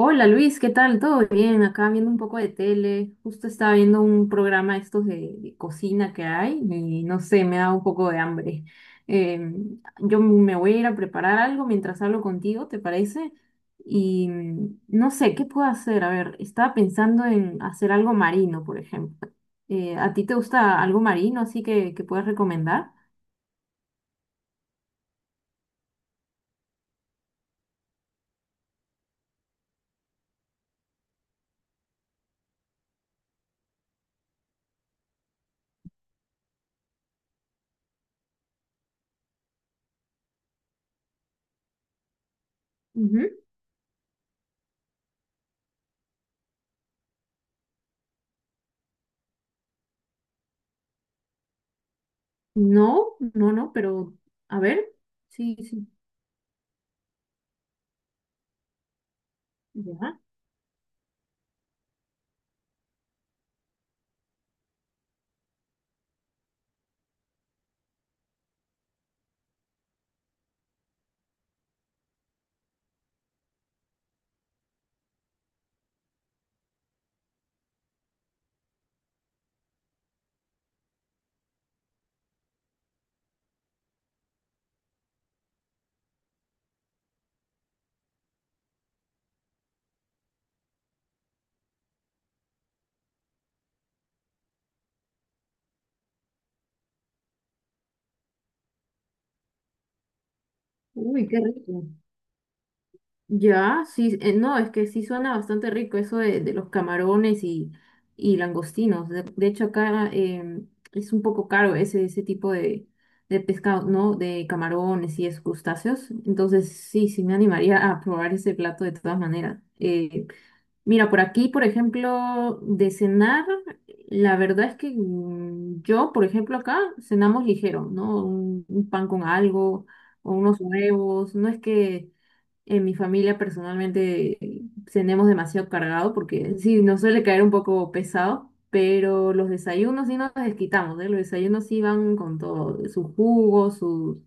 Hola Luis, ¿qué tal? ¿Todo bien? Acá viendo un poco de tele. Justo estaba viendo un programa estos de cocina que hay y no sé, me da un poco de hambre. Yo me voy a ir a preparar algo mientras hablo contigo, ¿te parece? Y no sé, ¿qué puedo hacer? A ver, estaba pensando en hacer algo marino, por ejemplo. ¿A ti te gusta algo marino así que puedas recomendar? Ujú. No, no, no, pero a ver. Sí, sí. Ya. Uy, qué rico. Ya, sí, no, es que sí suena bastante rico eso de los camarones y langostinos. De hecho, acá es un poco caro ese tipo de pescado, ¿no? De camarones y esos crustáceos. Entonces, sí, sí me animaría a probar ese plato de todas maneras. Mira, por aquí, por ejemplo, de cenar, la verdad es que yo, por ejemplo, acá cenamos ligero, ¿no? Un pan con algo o unos huevos, no es que en mi familia personalmente cenemos demasiado cargado porque sí, nos suele caer un poco pesado, pero los desayunos sí nos desquitamos, ¿eh? Los desayunos sí van con todo, su jugo, su...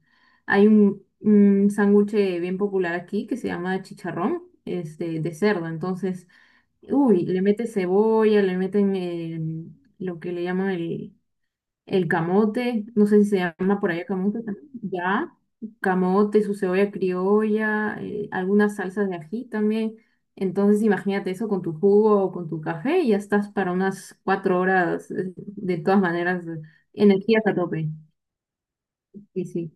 Hay un sándwich bien popular aquí que se llama chicharrón, este, de cerdo, entonces, uy, le meten cebolla, le meten lo que le llaman el camote, no sé si se llama por allá camote también, ya, camote, su cebolla criolla, algunas salsas de ají también. Entonces imagínate eso con tu jugo o con tu café y ya estás para unas cuatro horas, de todas maneras, energías a tope. Sí, sí.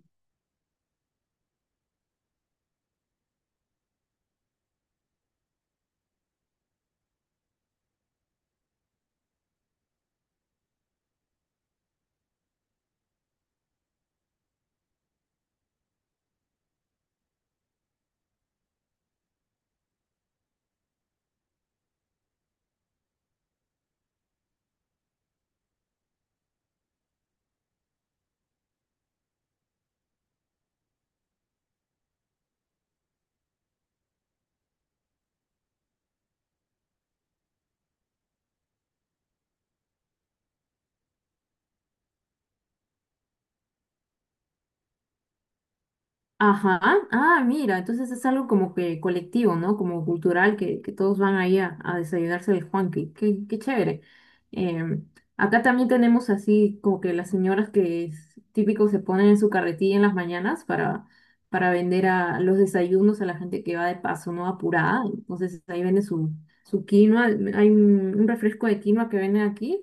Ajá, ah, mira, entonces es algo como que colectivo, ¿no? Como cultural, que todos van ahí a desayunarse de Juanqui, qué, qué chévere. Em, Acá también tenemos así como que las señoras que es típico se ponen en su carretilla en las mañanas para vender a los desayunos a la gente que va de paso, ¿no? Apurada, entonces ahí vende su, su quinoa, hay un refresco de quinoa que venden aquí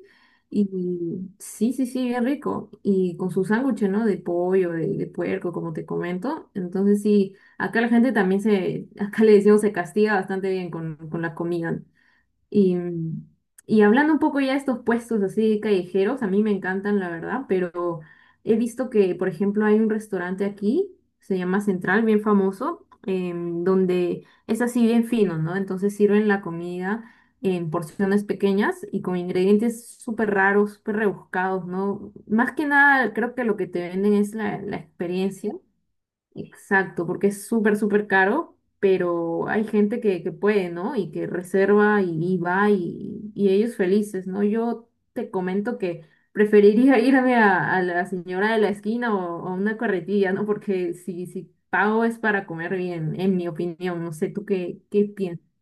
y sí, sí, sí, bien rico. Y con su sándwich, ¿no? De pollo, de puerco, como te comento. Entonces sí, acá la gente también se, acá le decimos, se castiga bastante bien con la comida. Y, y hablando un poco ya de estos puestos así callejeros, a mí me encantan, la verdad, pero he visto que, por ejemplo, hay un restaurante aquí, se llama Central, bien famoso, donde es así bien fino, ¿no? Entonces sirven la comida en porciones pequeñas y con ingredientes súper raros, súper rebuscados, ¿no? Más que nada, creo que lo que te venden es la experiencia. Exacto, porque es súper, súper caro, pero hay gente que puede, ¿no? Y que reserva y va y ellos felices, ¿no? Yo te comento que preferiría irme a la señora de la esquina o a una carretilla, ¿no? Porque si, si pago es para comer bien, en mi opinión. No sé, ¿tú qué, qué piensas?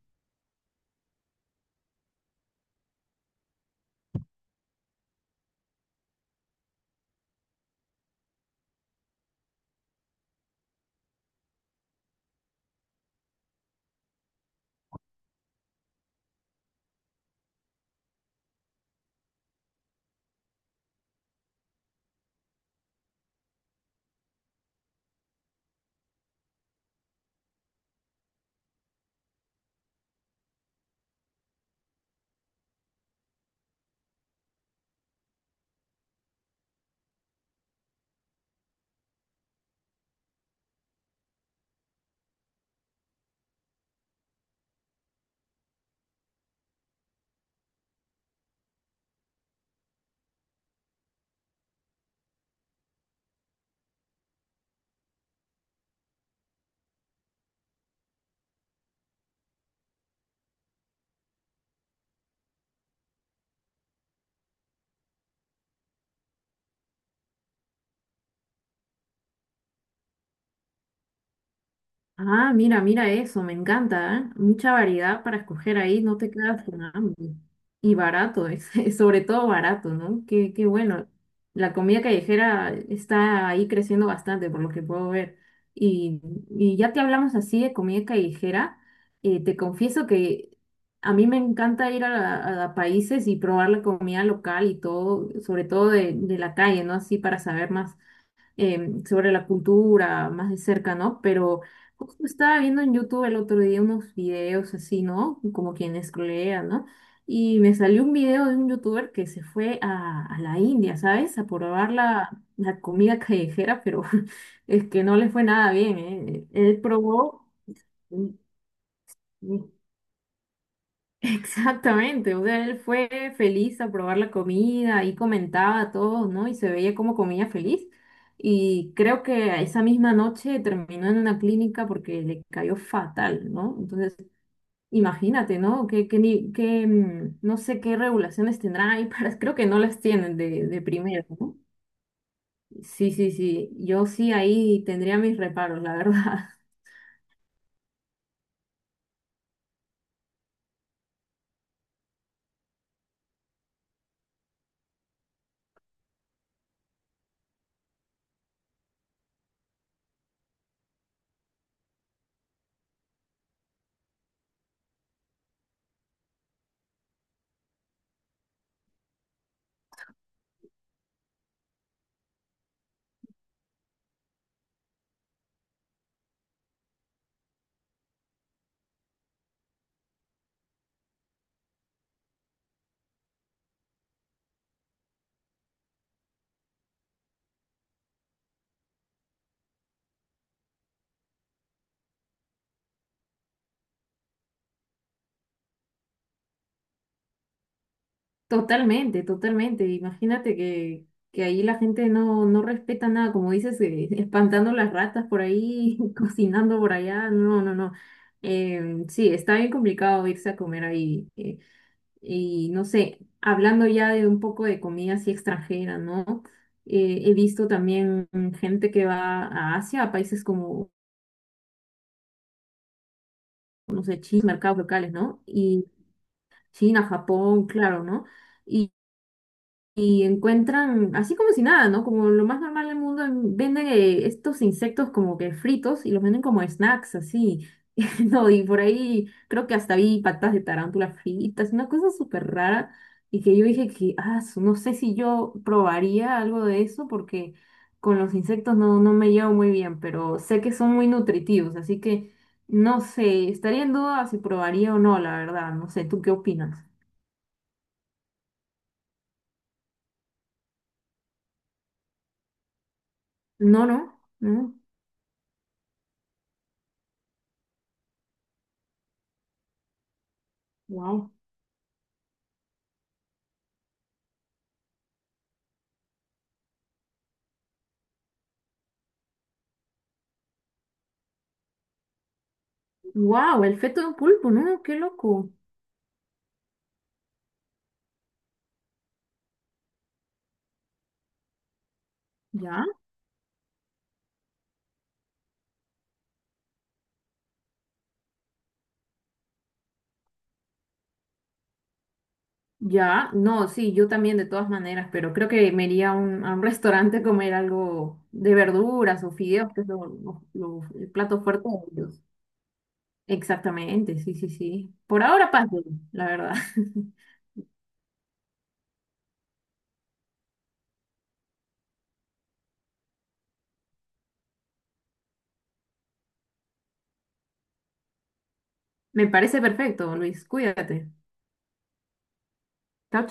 Ah, mira, mira eso, me encanta, ¿eh? Mucha variedad para escoger ahí, no te quedas con hambre. Y barato, es, sobre todo barato, ¿no? Qué, qué bueno. La comida callejera está ahí creciendo bastante, por lo que puedo ver. Y, y ya que hablamos así de comida callejera, te confieso que a mí me encanta ir a, la- a países y probar la comida local y todo, sobre todo de la calle, ¿no? Así para saber más sobre la cultura más de cerca, ¿no? Pero justo estaba viendo en YouTube el otro día unos videos así, ¿no? Como quienes crean, ¿no? Y me salió un video de un youtuber que se fue a la India, ¿sabes? A probar la, la comida callejera, pero es que no le fue nada bien, ¿eh? Él probó, exactamente, o sea, él fue feliz a probar la comida y comentaba a todos, ¿no? Y se veía como comía feliz. Y creo que esa misma noche terminó en una clínica porque le cayó fatal, ¿no? Entonces, imagínate, ¿no? Que, ni- que, no sé qué regulaciones tendrá ahí, para, creo que no las tienen de primero, ¿no? Sí, sí, sí, yo sí ahí tendría mis reparos, la verdad. Totalmente, totalmente. Imagínate que ahí la gente no, no respeta nada, como dices, espantando las ratas por ahí, cocinando por allá. No, no, no. Sí, está bien complicado irse a comer ahí. Y no sé, hablando ya de un poco de comida así extranjera, ¿no? He visto también gente que va a Asia, a países como, no sé, China, mercados locales, ¿no? Y China, Japón, claro, ¿no? Y encuentran, así como si nada, ¿no? Como lo más normal del mundo, en- venden estos insectos como que fritos y los venden como snacks, así. No, y por ahí creo que hasta vi patas de tarántula fritas, una cosa súper rara. Y que yo dije que, ah, su- no sé si yo probaría algo de eso porque con los insectos no, no me llevo muy bien, pero sé que son muy nutritivos, así que no sé, estaría en duda si probaría o no, la verdad, no sé, ¿tú qué opinas? No, no, no, wow. Wow, el feto de un pulpo, ¿no? Qué loco. Ya, ya. No, sí, yo también de todas maneras, pero creo que me iría a un restaurante a comer algo de verduras o fideos, que es lo- el plato fuerte de ellos. Exactamente, sí, sí, sí. Por ahora, paso, la verdad. Me parece perfecto, Luis. Cuídate. Chao,